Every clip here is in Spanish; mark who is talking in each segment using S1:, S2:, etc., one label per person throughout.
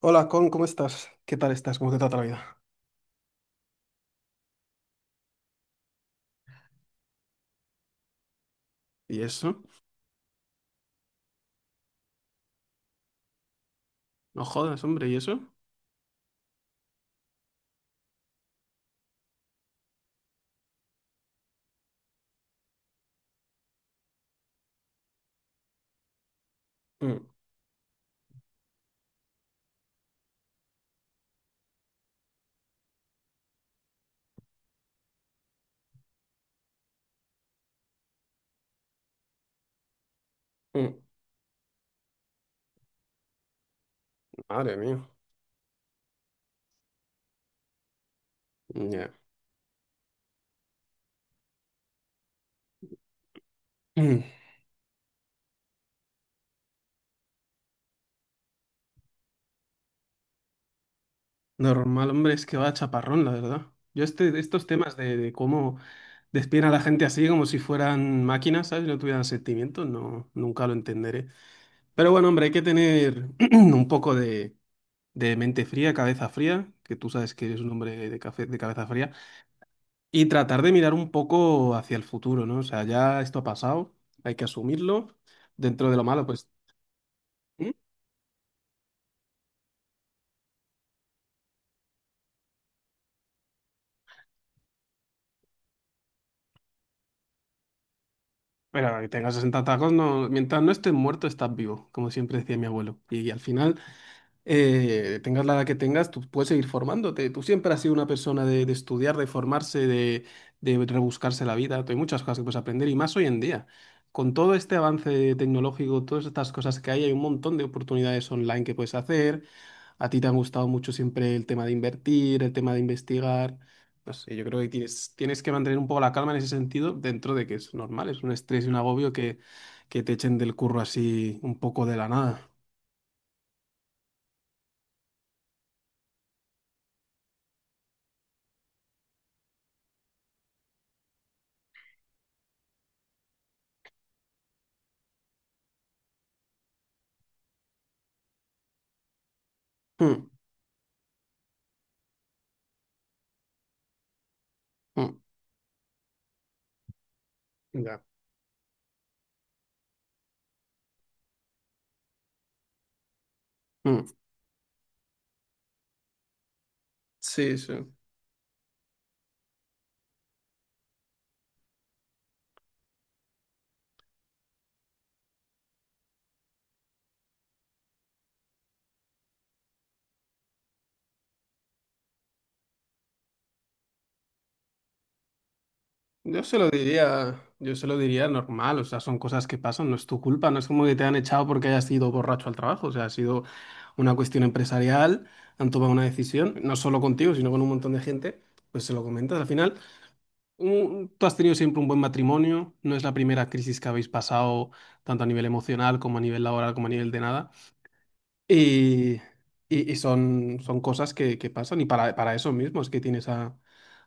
S1: Hola, Con, ¿cómo estás? ¿Qué tal estás? ¿Cómo te trata la vida? ¿Y eso? No jodas, hombre, ¿y eso? Mm, mm, madre mía. Ya. Mm, normal, hombre, es que va chaparrón, la verdad. Yo estos temas de cómo despiden a la gente así como si fueran máquinas, ¿sabes? Y no tuvieran sentimientos, no, nunca lo entenderé. Pero bueno, hombre, hay que tener un poco de mente fría, cabeza fría, que tú sabes que eres un hombre de cabeza fría. Y tratar de mirar un poco hacia el futuro, ¿no? O sea, ya esto ha pasado, hay que asumirlo. Dentro de lo malo, pues, ¿Mm?, pero que tengas 60 tacos, no, mientras no estés muerto, estás vivo, como siempre decía mi abuelo. Y, al final, tengas la edad que tengas, tú puedes seguir formándote. Tú siempre has sido una persona de estudiar, de formarse, de rebuscarse la vida. Hay muchas cosas que puedes aprender y más hoy en día. Con todo este avance tecnológico, todas estas cosas que hay un montón de oportunidades online que puedes hacer. A ti te ha gustado mucho siempre el tema de invertir, el tema de investigar. No sé, yo creo que tienes que mantener un poco la calma en ese sentido, dentro de que es normal, es un estrés y un agobio que te echen del curro así un poco de la nada. Mm, mm, ya, mm. Sí, sí. Yo se lo diría, yo se lo diría normal, o sea, son cosas que pasan, no es tu culpa, no es como que te han echado porque hayas ido borracho al trabajo, o sea, ha sido una cuestión empresarial, han tomado una decisión, no solo contigo, sino con un montón de gente, pues se lo comentas al final. Tú has tenido siempre un buen matrimonio, no es la primera crisis que habéis pasado, tanto a nivel emocional como a nivel laboral como a nivel de nada. Y, y son cosas que pasan y para eso mismo es que tienes a,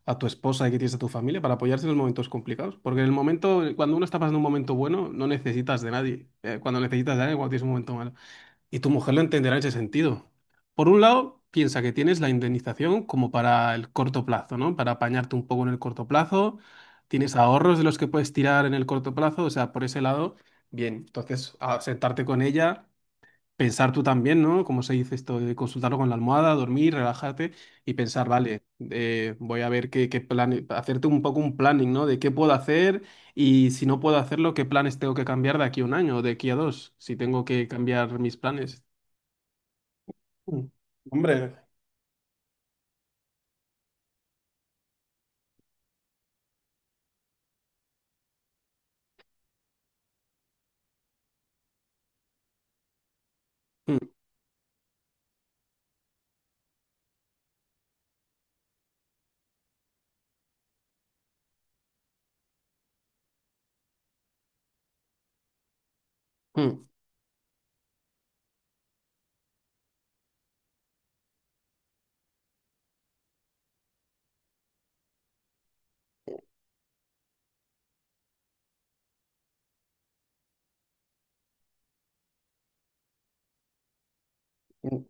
S1: a tu esposa y que tienes a tu familia para apoyarse en los momentos complicados. Porque en el momento, cuando uno está pasando un momento bueno, no necesitas de nadie. Cuando necesitas de alguien, cuando tienes un momento malo. Y tu mujer lo entenderá en ese sentido. Por un lado, piensa que tienes la indemnización como para el corto plazo, ¿no? Para apañarte un poco en el corto plazo. Tienes ahorros de los que puedes tirar en el corto plazo. O sea, por ese lado, bien. Entonces, sentarte con ella, pensar tú también, ¿no? Como se dice esto, de consultarlo con la almohada, dormir, relajarte y pensar, vale, voy a ver qué plan, hacerte un poco un planning, ¿no? De qué puedo hacer. Y si no puedo hacerlo, ¿qué planes tengo que cambiar de aquí a un año o de aquí a dos? Si tengo que cambiar mis planes. Mm. Hombre, mm, mm, mm,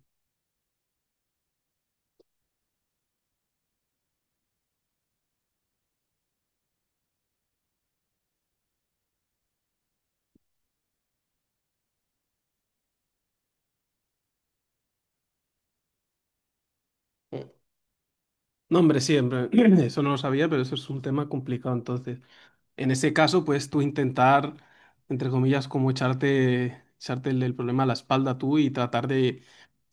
S1: mm. No, hombre, siempre. Eso no lo sabía, pero eso es un tema complicado. Entonces, en ese caso, pues tú intentar, entre comillas, como echarte el problema a la espalda tú y tratar de,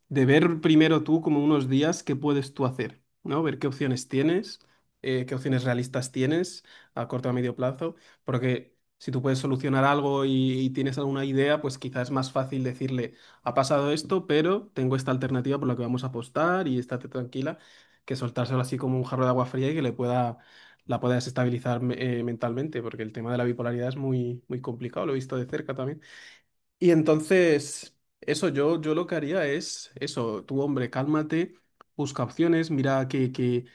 S1: de ver primero tú como unos días qué puedes tú hacer, ¿no? Ver qué opciones tienes, qué opciones realistas tienes a corto o a medio plazo, porque si tú puedes solucionar algo y tienes alguna idea, pues quizás es más fácil decirle, ha pasado esto, pero tengo esta alternativa por la que vamos a apostar y estate tranquila, que soltárselo así como un jarro de agua fría y que la pueda desestabilizar, mentalmente, porque el tema de la bipolaridad es muy, muy complicado, lo he visto de cerca también. Y entonces, eso, yo lo que haría es eso, tú, hombre, cálmate, busca opciones, mira que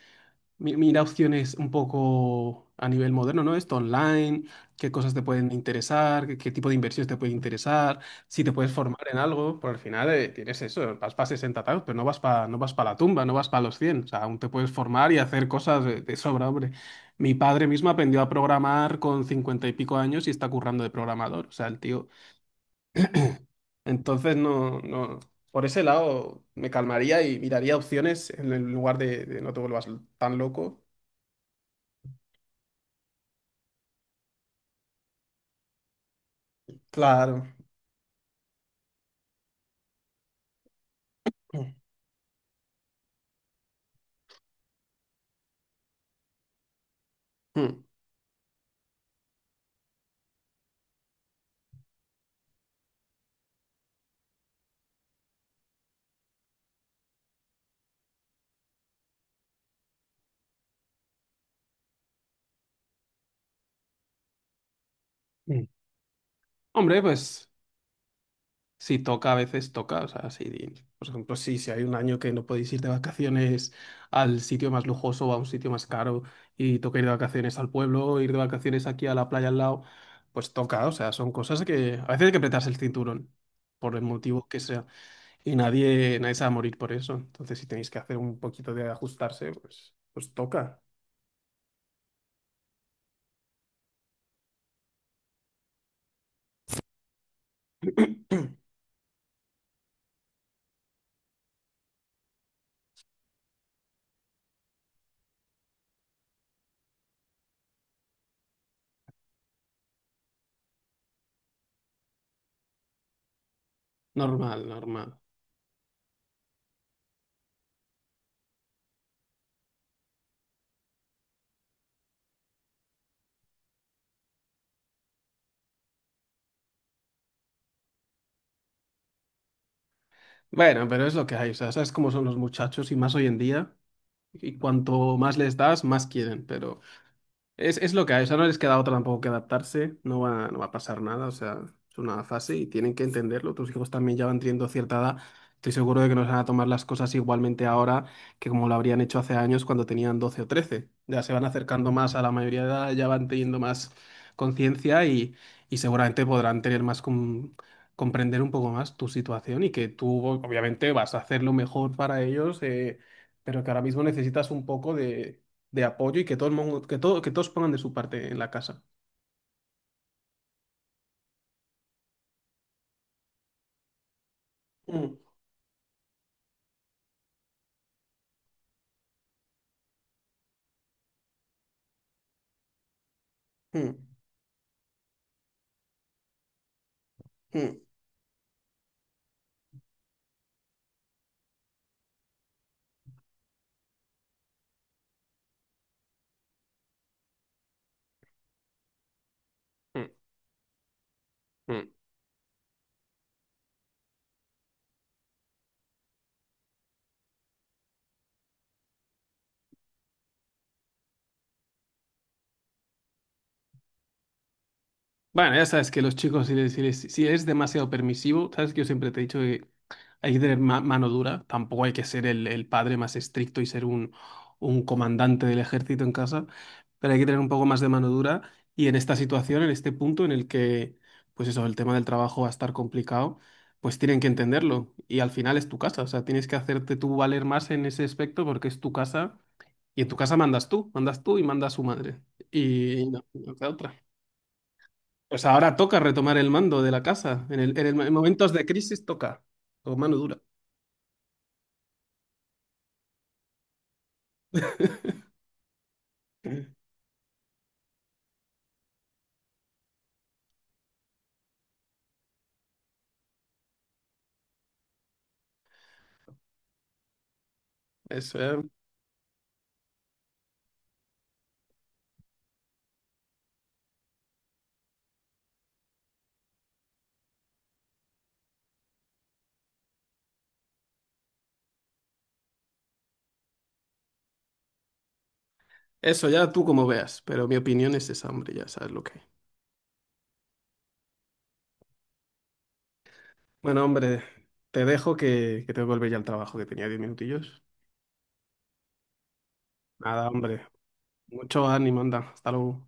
S1: mi- mira opciones un poco a nivel moderno, ¿no? Esto online, qué cosas te pueden interesar, qué tipo de inversiones te puede interesar, si te puedes formar en algo, por al final, tienes eso, vas para 60 años, pero no vas para la tumba, no vas para los 100, o sea, aún te puedes formar y hacer cosas de sobra, hombre. Mi padre mismo aprendió a programar con 50 y pico años y está currando de programador, o sea, el tío entonces, no, no, por ese lado me calmaría y miraría opciones en el lugar de, no te vuelvas tan loco. Claro. Mm. Mm. Hombre, pues si toca, a veces toca. O sea, si, por ejemplo, si hay un año que no podéis ir de vacaciones al sitio más lujoso o a un sitio más caro y toca ir de vacaciones al pueblo, ir de vacaciones aquí a la playa al lado, pues toca. O sea, son cosas que a veces hay que apretarse el cinturón por el motivo que sea. Y nadie, nadie se va a morir por eso. Entonces, si tenéis que hacer un poquito de ajustarse, pues toca. Normal, normal. Bueno, pero es lo que hay. O sea, sabes cómo son los muchachos y más hoy en día. Y cuanto más les das, más quieren. Pero es lo que hay, o sea, no les queda otra tampoco que adaptarse, no va a pasar nada, o sea, es una fase y tienen que entenderlo. Tus hijos también ya van teniendo cierta edad, estoy seguro de que nos van a tomar las cosas igualmente ahora que como lo habrían hecho hace años cuando tenían 12 o 13. Ya se van acercando más a la mayoría de edad, ya van teniendo más conciencia y seguramente podrán tener más comprender un poco más tu situación y que tú obviamente vas a hacer lo mejor para ellos, pero que ahora mismo necesitas un poco de apoyo y que todo el mundo, que todo, que todos pongan de su parte en la casa. Mm, mm, mm, mm, mm. Bueno, ya sabes que los chicos, si eres demasiado permisivo, sabes que yo siempre te he dicho que hay que tener mano dura, tampoco hay que ser el padre más estricto y ser un comandante del ejército en casa, pero hay que tener un poco más de mano dura y en esta situación, en este punto en el que, pues eso, el tema del trabajo va a estar complicado, pues tienen que entenderlo y al final es tu casa, o sea, tienes que hacerte tú valer más en ese aspecto porque es tu casa y en tu casa mandas tú y manda su madre y no, no queda otra. Pues ahora toca retomar el mando de la casa. En momentos de crisis toca, con mano dura. Eso. Eso ya tú como veas, pero mi opinión es esa, hombre, ya sabes lo que hay. Bueno, hombre, te dejo que tengo que volver ya al trabajo, que tenía 10 minutillos. Nada, hombre, mucho ánimo, anda, hasta luego.